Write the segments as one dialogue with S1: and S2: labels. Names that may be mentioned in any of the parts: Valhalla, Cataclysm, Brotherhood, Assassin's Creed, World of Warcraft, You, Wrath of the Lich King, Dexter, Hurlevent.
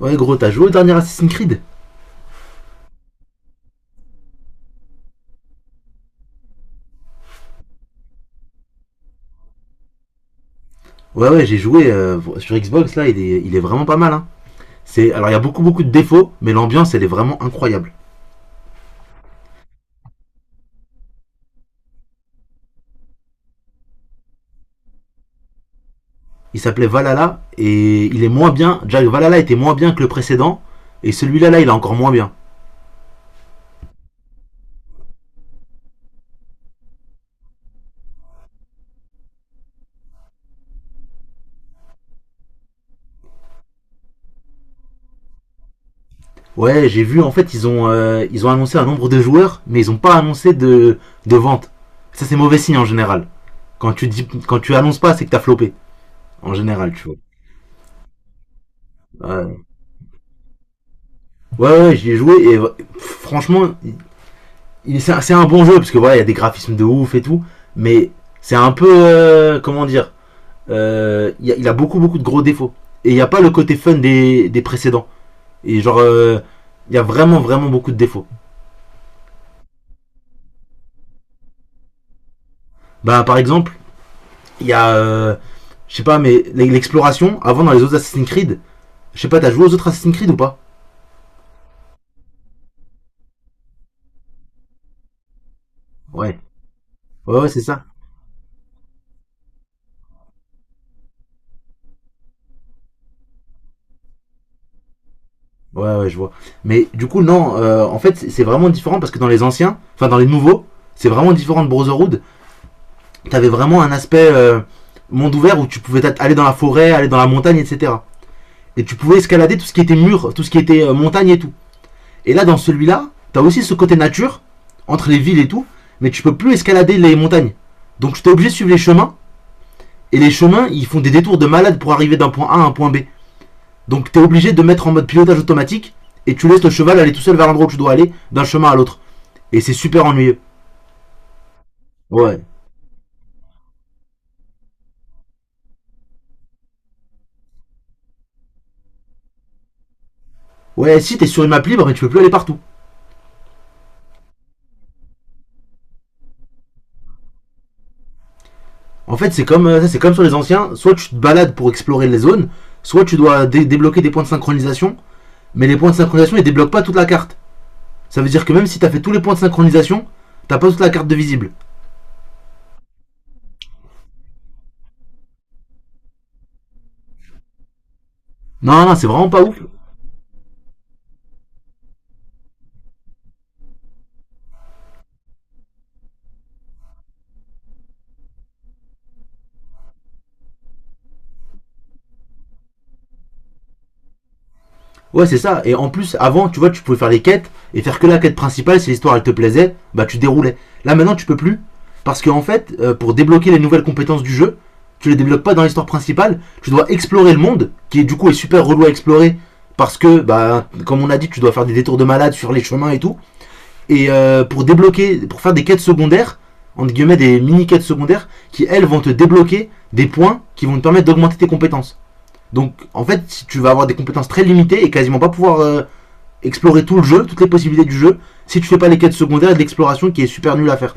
S1: Ouais gros, t'as joué au dernier Assassin's Creed. Ouais, j'ai joué sur Xbox là, il est vraiment pas mal. Hein. C'est, alors il y a beaucoup de défauts, mais l'ambiance elle est vraiment incroyable. Il s'appelait Valhalla et il est moins bien. Jack Valhalla était moins bien que le précédent, et celui-là là, il est encore moins bien. Ouais, j'ai vu, en fait ils ont annoncé un nombre de joueurs, mais ils ont pas annoncé de vente. Ça c'est mauvais signe en général. Quand tu annonces pas, c'est que t'as flopé en général, tu vois. Ouais, ouais j'y ai joué et franchement, c'est bon jeu parce que voilà, il y a des graphismes de ouf et tout, mais c'est un peu comment dire, il a beaucoup de gros défauts et il n'y a pas le côté fun des précédents, et genre il y a vraiment beaucoup de défauts. Bah par exemple, il y a je sais pas, mais l'exploration avant dans les autres Assassin's Creed, je sais pas, t'as joué aux autres Assassin's Creed ou pas? Ouais, ouais c'est ça. Ouais je vois. Mais du coup non, en fait c'est vraiment différent parce que dans les anciens, enfin dans les nouveaux, c'est vraiment différent de Brotherhood. T'avais vraiment un aspect monde ouvert où tu pouvais aller dans la forêt, aller dans la montagne, etc. Et tu pouvais escalader tout ce qui était mur, tout ce qui était montagne et tout. Et là, dans celui-là, t'as aussi ce côté nature, entre les villes et tout, mais tu peux plus escalader les montagnes. Donc tu t'es obligé de suivre les chemins, et les chemins, ils font des détours de malade pour arriver d'un point A à un point B. Donc t'es obligé de mettre en mode pilotage automatique, et tu laisses le cheval aller tout seul vers l'endroit où tu dois aller, d'un chemin à l'autre. Et c'est super ennuyeux. Ouais. Ouais, si, t'es sur une map libre, mais tu peux plus aller partout. En fait, c'est comme, ça, c'est comme sur les anciens. Soit tu te balades pour explorer les zones, soit tu dois débloquer des points de synchronisation. Mais les points de synchronisation, ils débloquent pas toute la carte. Ça veut dire que même si t'as fait tous les points de synchronisation, t'as pas toute la carte de visible. Non, non, c'est vraiment pas ouf. Ouais, c'est ça. Et en plus, avant, tu vois, tu pouvais faire les quêtes et faire que la quête principale. Si l'histoire elle te plaisait, bah tu déroulais. Là maintenant, tu peux plus, parce qu'en fait, pour débloquer les nouvelles compétences du jeu, tu les débloques pas dans l'histoire principale. Tu dois explorer le monde, qui du coup est super relou à explorer parce que, bah, comme on a dit, tu dois faire des détours de malade sur les chemins et tout. Et pour faire des quêtes secondaires, entre guillemets des mini quêtes secondaires, qui elles vont te débloquer des points qui vont te permettre d'augmenter tes compétences. Donc en fait, si tu vas avoir des compétences très limitées et quasiment pas pouvoir explorer tout le jeu, toutes les possibilités du jeu, si tu fais pas les quêtes secondaires et de l'exploration qui est super nulle à faire.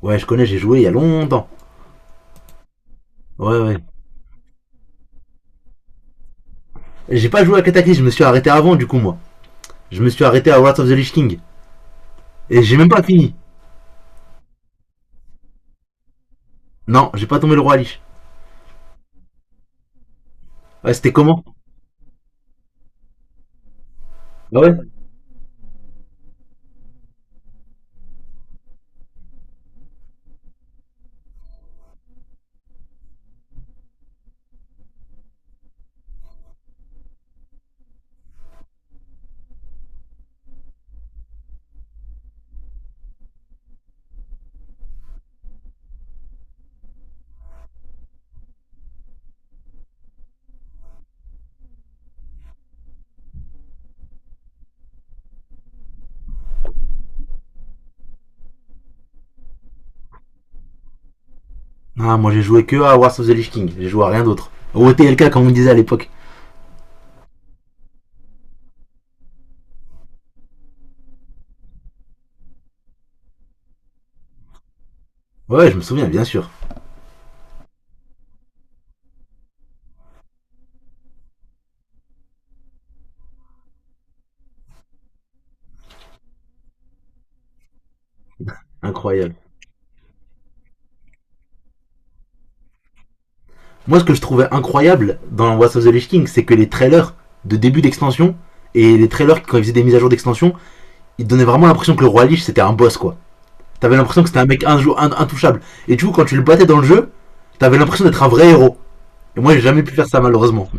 S1: Ouais, je connais, j'ai joué il y a longtemps. Ouais, ouais. J'ai pas joué à Cataclysm, je me suis arrêté avant du coup moi. Je me suis arrêté à Wrath of the Lich King. Et j'ai même pas fini. Non, j'ai pas tombé le roi Lich. Ouais, c'était comment? Ah ouais. Ah, moi j'ai joué que à Wrath of the Lich King, j'ai joué à rien d'autre. Au TLK comme on me disait à l'époque. Ouais, je me souviens, bien sûr. Incroyable. Moi, ce que je trouvais incroyable dans What's of the Lich King, c'est que les trailers de début d'extension et les trailers quand ils faisaient des mises à jour d'extension, ils donnaient vraiment l'impression que le roi Lich c'était un boss quoi. T'avais l'impression que c'était un mec intouchable. Et du coup, quand tu le battais dans le jeu, t'avais l'impression d'être un vrai héros. Et moi, j'ai jamais pu faire ça malheureusement.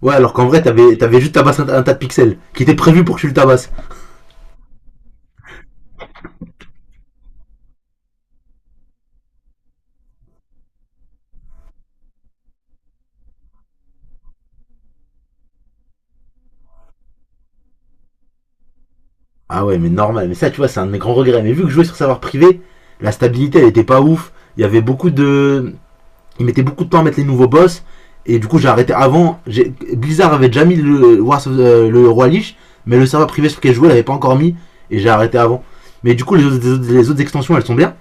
S1: Ouais, alors qu'en vrai, t'avais juste tabassé un tas de pixels qui était prévu pour que tu le tabasses. Ah ouais, mais normal. Mais ça, tu vois, c'est un de mes grands regrets. Mais vu que je jouais sur savoir privé, la stabilité elle était pas ouf. Il y avait beaucoup de Ils mettaient beaucoup de temps à mettre les nouveaux boss. Et du coup, j'ai arrêté avant. Blizzard avait déjà mis le, Wars le Roi Lich, mais le serveur privé sur lequel je jouais l'avait pas encore mis. Et j'ai arrêté avant. Mais du coup, les autres, extensions, elles sont bien.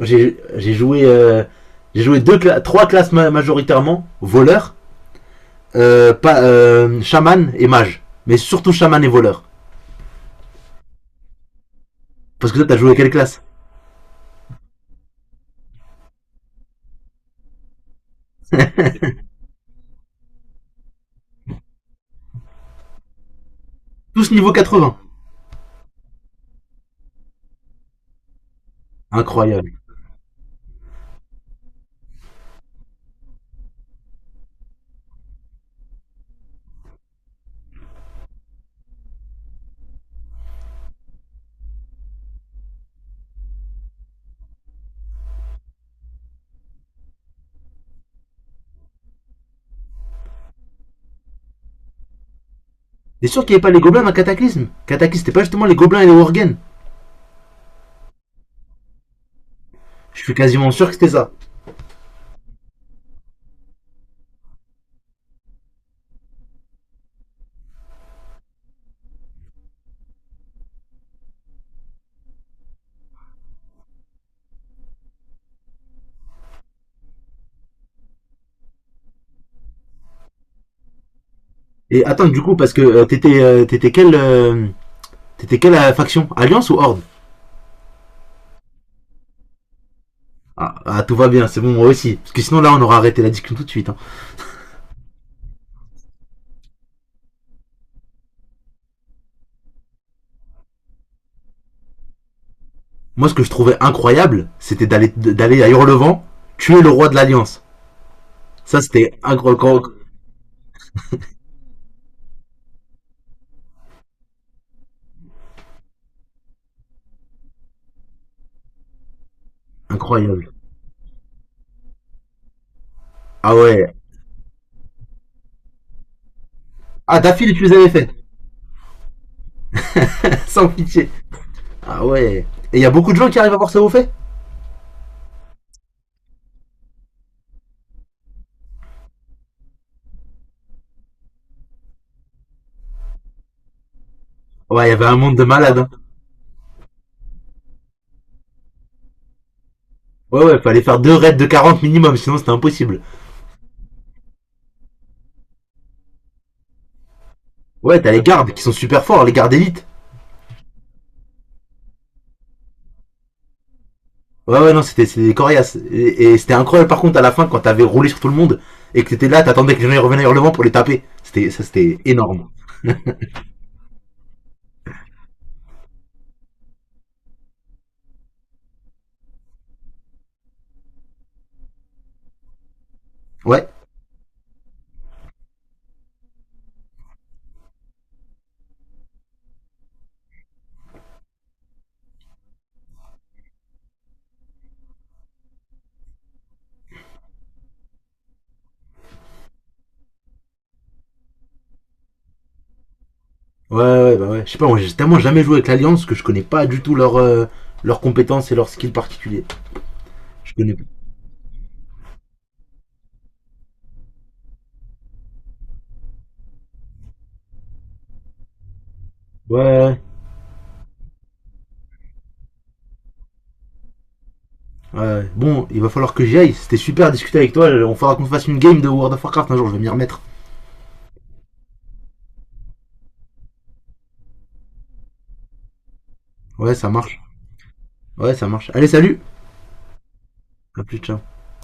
S1: J'ai joué, deux, trois classes, majoritairement voleur, pas, chaman et mage. Mais surtout chaman et voleur. Parce que toi, t'as joué quelle classe? Tous niveau 80. Incroyable. T'es sûr qu'il n'y avait pas les gobelins dans Cataclysme? Cataclysme, c'était pas justement les gobelins et les worgen? Je suis quasiment sûr que c'était ça. Et attends, du coup, parce que t'étais quelle faction, Alliance ou Horde? Ah, ah, tout va bien, c'est bon, moi aussi. Parce que sinon, là, on aura arrêté la discussion tout de suite, hein. Moi, ce que je trouvais incroyable, c'était d'aller à Hurlevent, tuer le roi de l'Alliance. Ça, c'était incroyable. Ah ouais. Ah, d'affilée, tu les avais fait. Sans pitié. Ah ouais. Et il y a beaucoup de gens qui arrivent à voir ça vous fait. Ouais, il y avait un monde de malades, hein. Ouais, ouais, fallait faire deux raids de 40 minimum, sinon c'était impossible. Ouais, t'as les gardes qui sont super forts, les gardes élites. Ouais, ouais, non, c'était, c'était coriace. Et c'était incroyable, par contre, à la fin, quand t'avais roulé sur tout le monde, et que t'étais là, t'attendais que les gens ils revenaient hurlement pour les taper. C'était, ça, c'était énorme. Ouais. Ouais, ouais, bah ouais. Je sais pas, moi, j'ai tellement jamais joué avec l'Alliance que je connais pas du tout leurs leurs compétences et leurs skills particuliers. Je connais pas. Ouais, ouais, ouais. Ouais, bon, il va falloir que j'y aille. C'était super à discuter avec toi. On faudra qu'on fasse une game de World of Warcraft un jour, je vais m'y remettre. Ouais, ça marche. Ouais, ça marche. Allez, salut! À plus, ciao.